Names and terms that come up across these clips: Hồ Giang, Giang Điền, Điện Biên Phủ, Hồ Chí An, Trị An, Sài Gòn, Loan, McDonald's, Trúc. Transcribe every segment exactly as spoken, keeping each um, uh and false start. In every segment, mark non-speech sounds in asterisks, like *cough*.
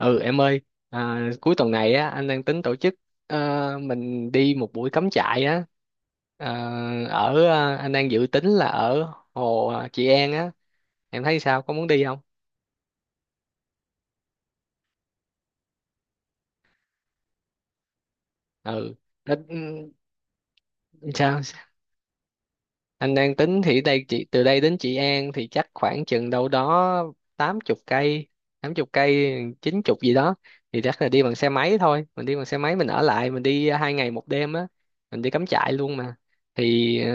Ừ em ơi, à, cuối tuần này á anh đang tính tổ chức ờ, mình đi một buổi cắm trại á. Ờ, ở ờ, anh đang dự tính là ở hồ, à, Trị An á, em thấy sao, có muốn đi không? Ừ. Đó, ừ, sao anh đang tính thì đây chị từ đây đến Trị An thì chắc khoảng chừng đâu đó tám chục cây, tám chục cây chín chục gì đó, thì chắc là đi bằng xe máy thôi, mình đi bằng xe máy, mình ở lại, mình đi hai ngày một đêm á, mình đi cắm trại luôn mà. thì ờ,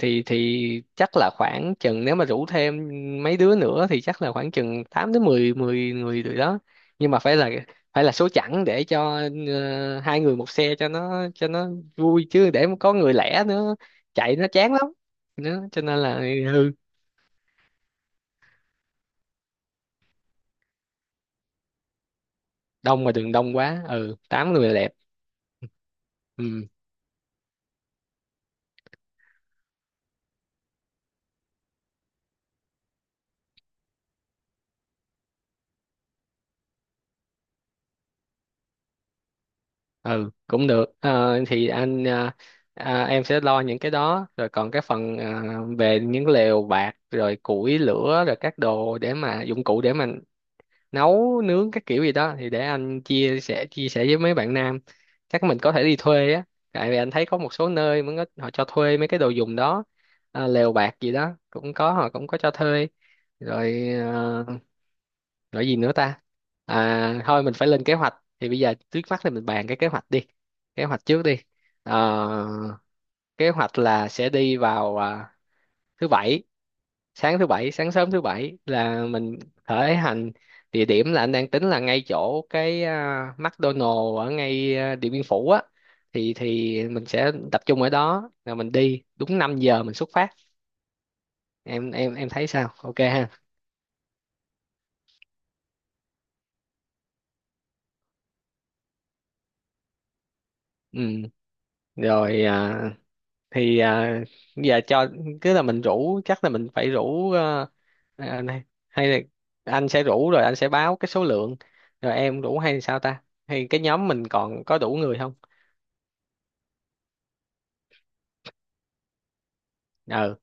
thì thì chắc là khoảng chừng nếu mà rủ thêm mấy đứa nữa thì chắc là khoảng chừng tám đến mười mười người rồi đó, nhưng mà phải là, phải là số chẵn để cho, ờ, hai người một xe cho nó, cho nó vui, chứ để có người lẻ nữa chạy nó chán lắm. Đó cho nên là, ừ, đông mà đừng đông quá, ừ tám người là đẹp. Ừ, ừ cũng được. Ờ, thì anh, à, à, em sẽ lo những cái đó, rồi còn cái phần, à, về những lều bạt rồi củi lửa rồi các đồ để mà dụng cụ để mà nấu nướng các kiểu gì đó thì để anh chia sẻ chia sẻ với mấy bạn nam. Chắc mình có thể đi thuê á, tại vì anh thấy có một số nơi mới có, họ cho thuê mấy cái đồ dùng đó, à, lều bạt gì đó cũng có, họ cũng có cho thuê rồi. ờ, Nói gì nữa ta? À, thôi mình phải lên kế hoạch. Thì bây giờ trước mắt thì mình bàn cái kế hoạch đi. Kế hoạch trước đi. Ờ, kế hoạch là sẽ đi vào, à, thứ bảy, sáng thứ bảy, sáng sớm thứ bảy là mình khởi hành. Địa điểm là anh đang tính là ngay chỗ cái, à, McDonald's ở ngay, à, Điện Biên Phủ á. Thì thì mình sẽ tập trung ở đó, là mình đi đúng năm giờ mình xuất phát. Em em em thấy sao? Ok ha. Ừ. Rồi, à, thì, à, giờ cho cứ là mình rủ, chắc là mình phải rủ, ờ, à, này, hay là anh sẽ rủ rồi anh sẽ báo cái số lượng, rồi em rủ hay sao ta, hay cái nhóm mình còn có đủ người không. Ừ.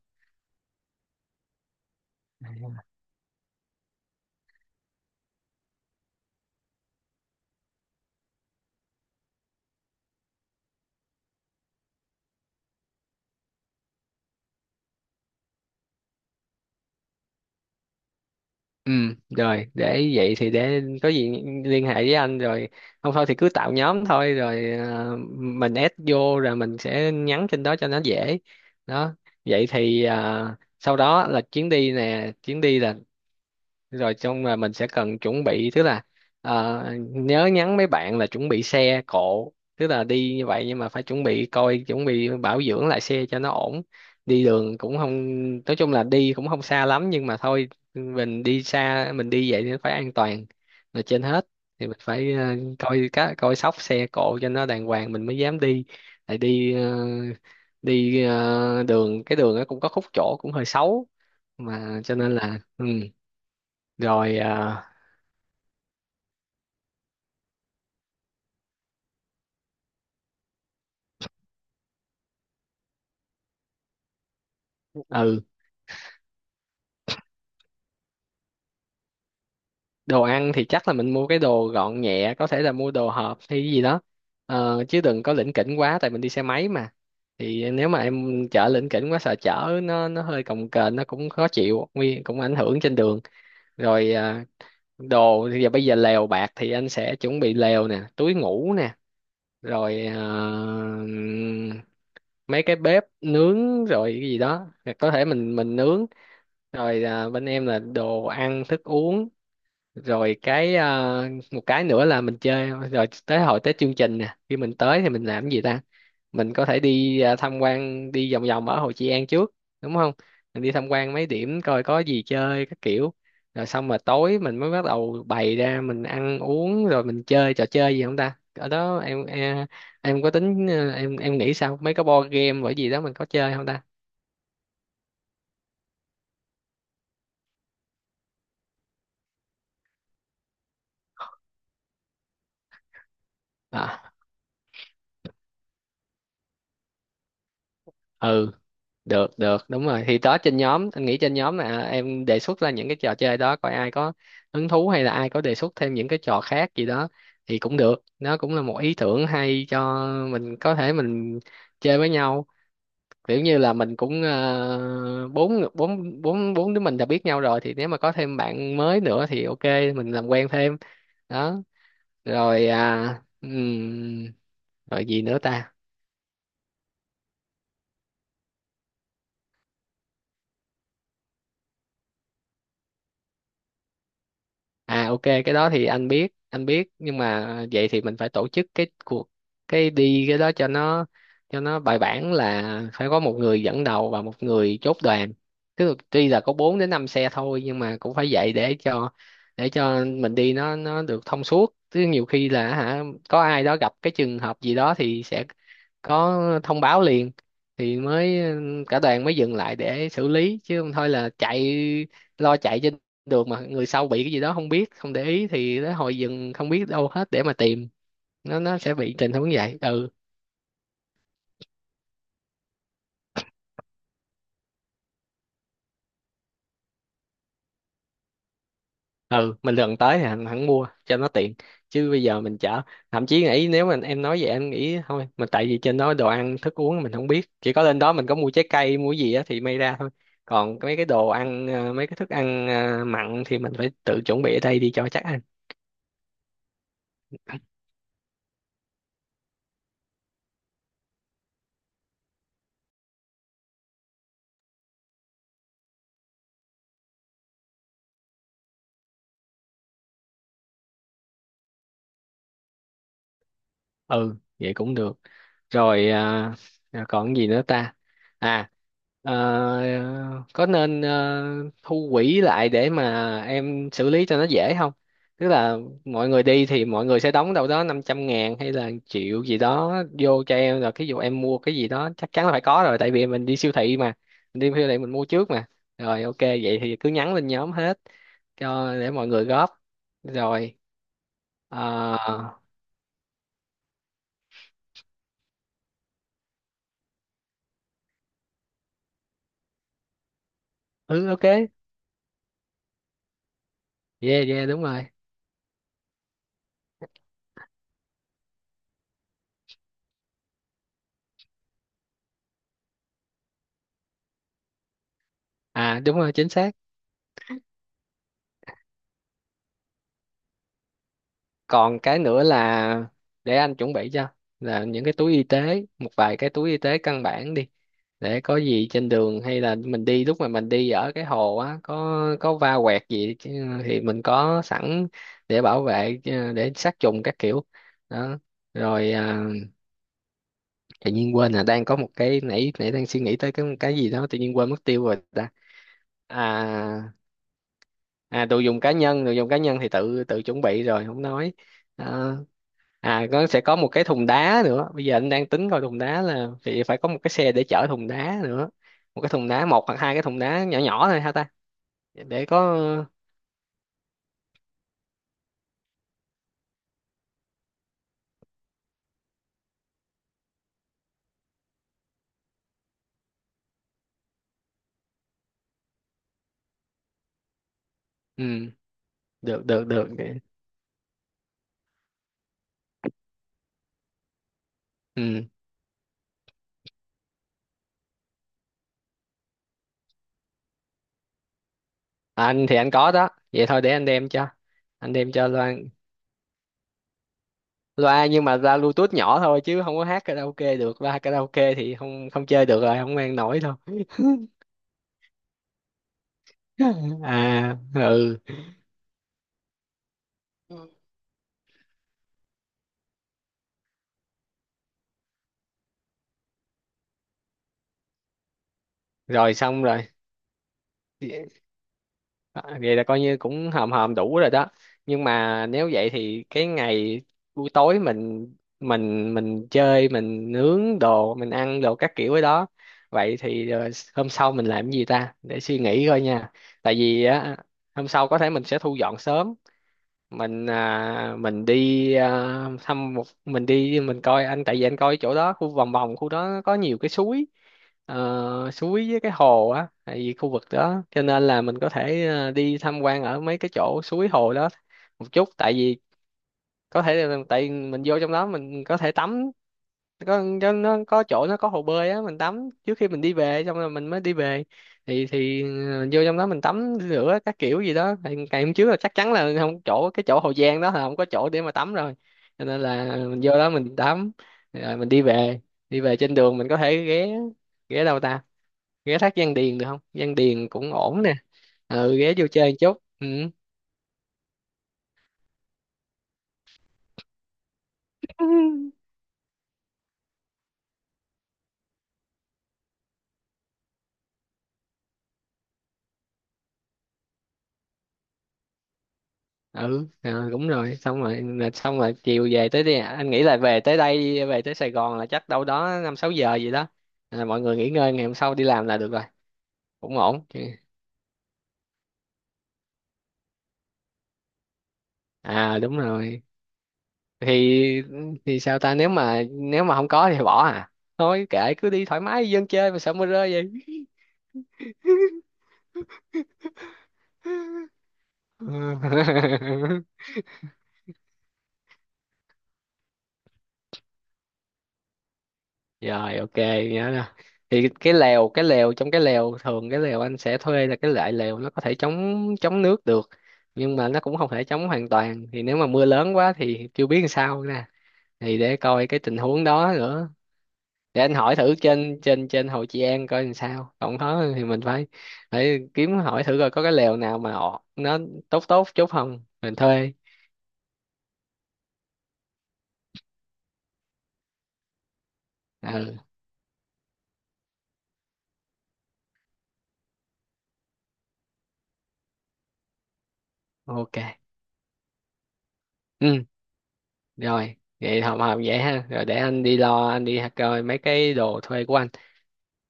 Ừ rồi, để vậy thì để có gì liên hệ với anh, rồi không thôi thì cứ tạo nhóm thôi rồi, ờ, mình add vô rồi mình sẽ nhắn trên đó cho nó dễ. Đó, vậy thì, à, sau đó là chuyến đi nè, chuyến đi là rồi trong là mình sẽ cần chuẩn bị, tức là, ờ, nhớ nhắn mấy bạn là chuẩn bị xe cộ, tức là đi như vậy nhưng mà phải chuẩn bị coi, chuẩn bị bảo dưỡng lại xe cho nó ổn. Đi đường cũng không, nói chung là đi cũng không xa lắm, nhưng mà thôi mình đi xa, mình đi vậy thì phải an toàn là trên hết. Thì mình phải, ờ, coi cá coi sóc xe cộ cho nó đàng hoàng mình mới dám đi. Lại đi, ờ, đi, ờ, đường cái đường nó cũng có khúc chỗ cũng hơi xấu, mà cho nên là ừ. Rồi, à, ừ, đồ ăn thì chắc là mình mua cái đồ gọn nhẹ, có thể là mua đồ hộp hay cái gì đó. Ờ, chứ đừng có lỉnh kỉnh quá tại mình đi xe máy mà, thì nếu mà em chở lỉnh kỉnh quá sợ chở nó nó hơi cồng kềnh, nó cũng khó chịu, nguy cũng ảnh hưởng trên đường. Rồi, à, đồ thì giờ, bây giờ lều bạt thì anh sẽ chuẩn bị lều nè, túi ngủ nè, rồi, à, mấy cái bếp nướng rồi cái gì đó, có thể mình mình nướng. Rồi, à, bên em là đồ ăn thức uống. Rồi cái, ờ, một cái nữa là mình chơi rồi tới hồi tới chương trình nè, khi mình tới thì mình làm cái gì ta. Mình có thể đi, ờ, tham quan đi vòng vòng ở Hồ Chí An trước, đúng không? Mình đi tham quan mấy điểm coi có gì chơi các kiểu, rồi xong mà tối mình mới bắt đầu bày ra mình ăn uống, rồi mình chơi trò chơi gì không ta ở đó. Em em, em có tính, ờ, em em nghĩ sao mấy cái board game bởi gì đó mình có chơi không ta. À, ừ, được được đúng rồi, thì đó trên nhóm anh nghĩ, trên nhóm là em đề xuất ra những cái trò chơi đó, coi ai có hứng thú, hay là ai có đề xuất thêm những cái trò khác gì đó thì cũng được, nó cũng là một ý tưởng hay cho mình có thể mình chơi với nhau, kiểu như là mình cũng, ờ, bốn bốn bốn bốn đứa mình đã biết nhau rồi, thì nếu mà có thêm bạn mới nữa thì ok, mình làm quen thêm. Đó, rồi, à, ừm, rồi gì nữa ta. À ok, cái đó thì anh biết anh biết nhưng mà vậy thì mình phải tổ chức cái cuộc, cái đi cái đó cho nó, cho nó bài bản là phải có một người dẫn đầu và một người chốt đoàn, tức là tuy là có bốn đến năm xe thôi nhưng mà cũng phải vậy để cho, để cho mình đi nó nó được thông suốt, chứ nhiều khi là hả, có ai đó gặp cái trường hợp gì đó thì sẽ có thông báo liền, thì mới cả đoàn mới dừng lại để xử lý, chứ không thôi là chạy lo chạy trên được, mà người sau bị cái gì đó không biết, không để ý thì nó hồi dừng không biết đâu hết để mà tìm, nó nó sẽ bị tình huống vậy, ừ. Ừ, mình lần tới thì hẳn hẳn mua cho nó tiện, chứ bây giờ mình chở thậm chí nghĩ nếu mà em nói vậy em nghĩ thôi, mà tại vì trên đó đồ ăn thức uống mình không biết, chỉ có lên đó mình có mua trái cây mua gì á thì may ra thôi, còn mấy cái đồ ăn, ờ, mấy cái thức ăn, ờ, mặn thì mình phải tự chuẩn bị ở đây đi cho chắc ăn. Ừ vậy cũng được. Rồi, à, à, còn gì nữa ta. À, ờ, có nên, ờ, thu quỹ lại để mà em xử lý cho nó dễ không, tức là mọi người đi thì mọi người sẽ đóng đâu đó năm trăm ngàn hay là triệu gì đó vô cho em, là ví dụ em mua cái gì đó chắc chắn là phải có rồi tại vì mình đi siêu thị mà, mình đi siêu thị mình mua trước mà. Rồi ok, vậy thì cứ nhắn lên nhóm hết cho để mọi người góp. Rồi. Ờ, ừ ok, yeah yeah đúng rồi. À đúng rồi chính xác. Còn cái nữa là để anh chuẩn bị cho, là những cái túi y tế, một vài cái túi y tế căn bản đi, để có gì trên đường hay là mình đi, lúc mà mình đi ở cái hồ á có có va quẹt gì chứ, thì mình có sẵn để bảo vệ, ờ, để sát trùng các kiểu. Đó, rồi, à, tự nhiên quên là đang có một cái, nãy nãy đang suy nghĩ tới cái cái gì đó tự nhiên quên mất tiêu rồi ta. À. À, đồ dùng cá nhân, đồ dùng cá nhân thì tự tự chuẩn bị rồi không nói. À, nó sẽ có một cái thùng đá nữa, bây giờ anh đang tính coi thùng đá là thì phải có một cái xe để chở thùng đá nữa. Một cái thùng đá, một hoặc hai cái thùng đá nhỏ nhỏ thôi ha ta. Để có, ừ, được được được. Ừ, à, anh thì anh có đó, vậy thôi để anh đem cho, anh đem cho Loan. Loa nhưng mà ra Bluetooth nhỏ thôi chứ không có hát karaoke được, loa karaoke thì không, không chơi được rồi, không mang nổi đâu. *laughs* à ừ, rồi xong rồi. À, vậy là coi như cũng hòm hòm đủ rồi đó, nhưng mà nếu vậy thì cái ngày, buổi tối mình, mình mình chơi mình nướng đồ mình ăn đồ các kiểu ở đó, vậy thì, ờ, hôm sau mình làm cái gì ta để suy nghĩ coi nha, tại vì á hôm sau có thể mình sẽ thu dọn sớm, mình, à, mình đi, à, thăm một mình đi mình coi, anh tại vì anh coi chỗ đó khu vòng vòng khu đó có nhiều cái suối, ờ, suối với cái hồ á, tại vì khu vực đó cho nên là mình có thể, à, đi tham quan ở mấy cái chỗ suối hồ đó một chút, tại vì có thể là tại mình vô trong đó mình có thể tắm, có cho nó có chỗ nó có hồ bơi á, mình tắm trước khi mình đi về xong rồi mình mới đi về. Thì thì mình vô trong đó mình tắm rửa các kiểu gì đó, thì ngày hôm trước là chắc chắn là không chỗ cái chỗ Hồ Giang đó là không có chỗ để mà tắm rồi, cho nên là mình vô đó mình tắm rồi mình đi về. Đi về trên đường mình có thể ghé, ghé đâu ta, ghé thác Giang Điền được không, Giang Điền cũng ổn nè. Ừ ghé vô chơi một chút, ừ ừ, à, đúng rồi xong rồi, là xong rồi chiều về tới đây, anh nghĩ là về tới đây về tới Sài Gòn là chắc đâu đó năm sáu giờ gì đó, là mọi người nghỉ ngơi ngày hôm sau đi làm là được rồi, cũng ổn chứ. À đúng rồi. Thì thì sao ta, nếu mà nếu mà không có thì bỏ à, thôi kệ cứ đi thoải mái, dân chơi mà sợ mưa rơi vậy. *laughs* *laughs* rồi ok, nhớ nè, thì cái lèo, cái lèo trong cái lèo thường, cái lèo anh sẽ thuê là cái loại lèo nó có thể chống chống nước được, nhưng mà nó cũng không thể chống hoàn toàn, thì nếu mà mưa lớn quá thì chưa biết làm sao nè, thì để coi cái tình huống đó nữa. Để anh hỏi thử trên trên trên Hồ Chí An coi làm sao, còn đó thì mình phải, phải kiếm hỏi thử coi có cái lèo nào mà ọ- nó tốt tốt chút không mình thuê. Ừ ok. Ừ, rồi vậy học học vậy ha, rồi để anh đi lo, anh đi coi mấy cái đồ thuê của anh.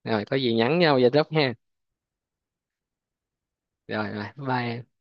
Rồi có gì nhắn nhau vậy Trúc ha. Rồi rồi bye em.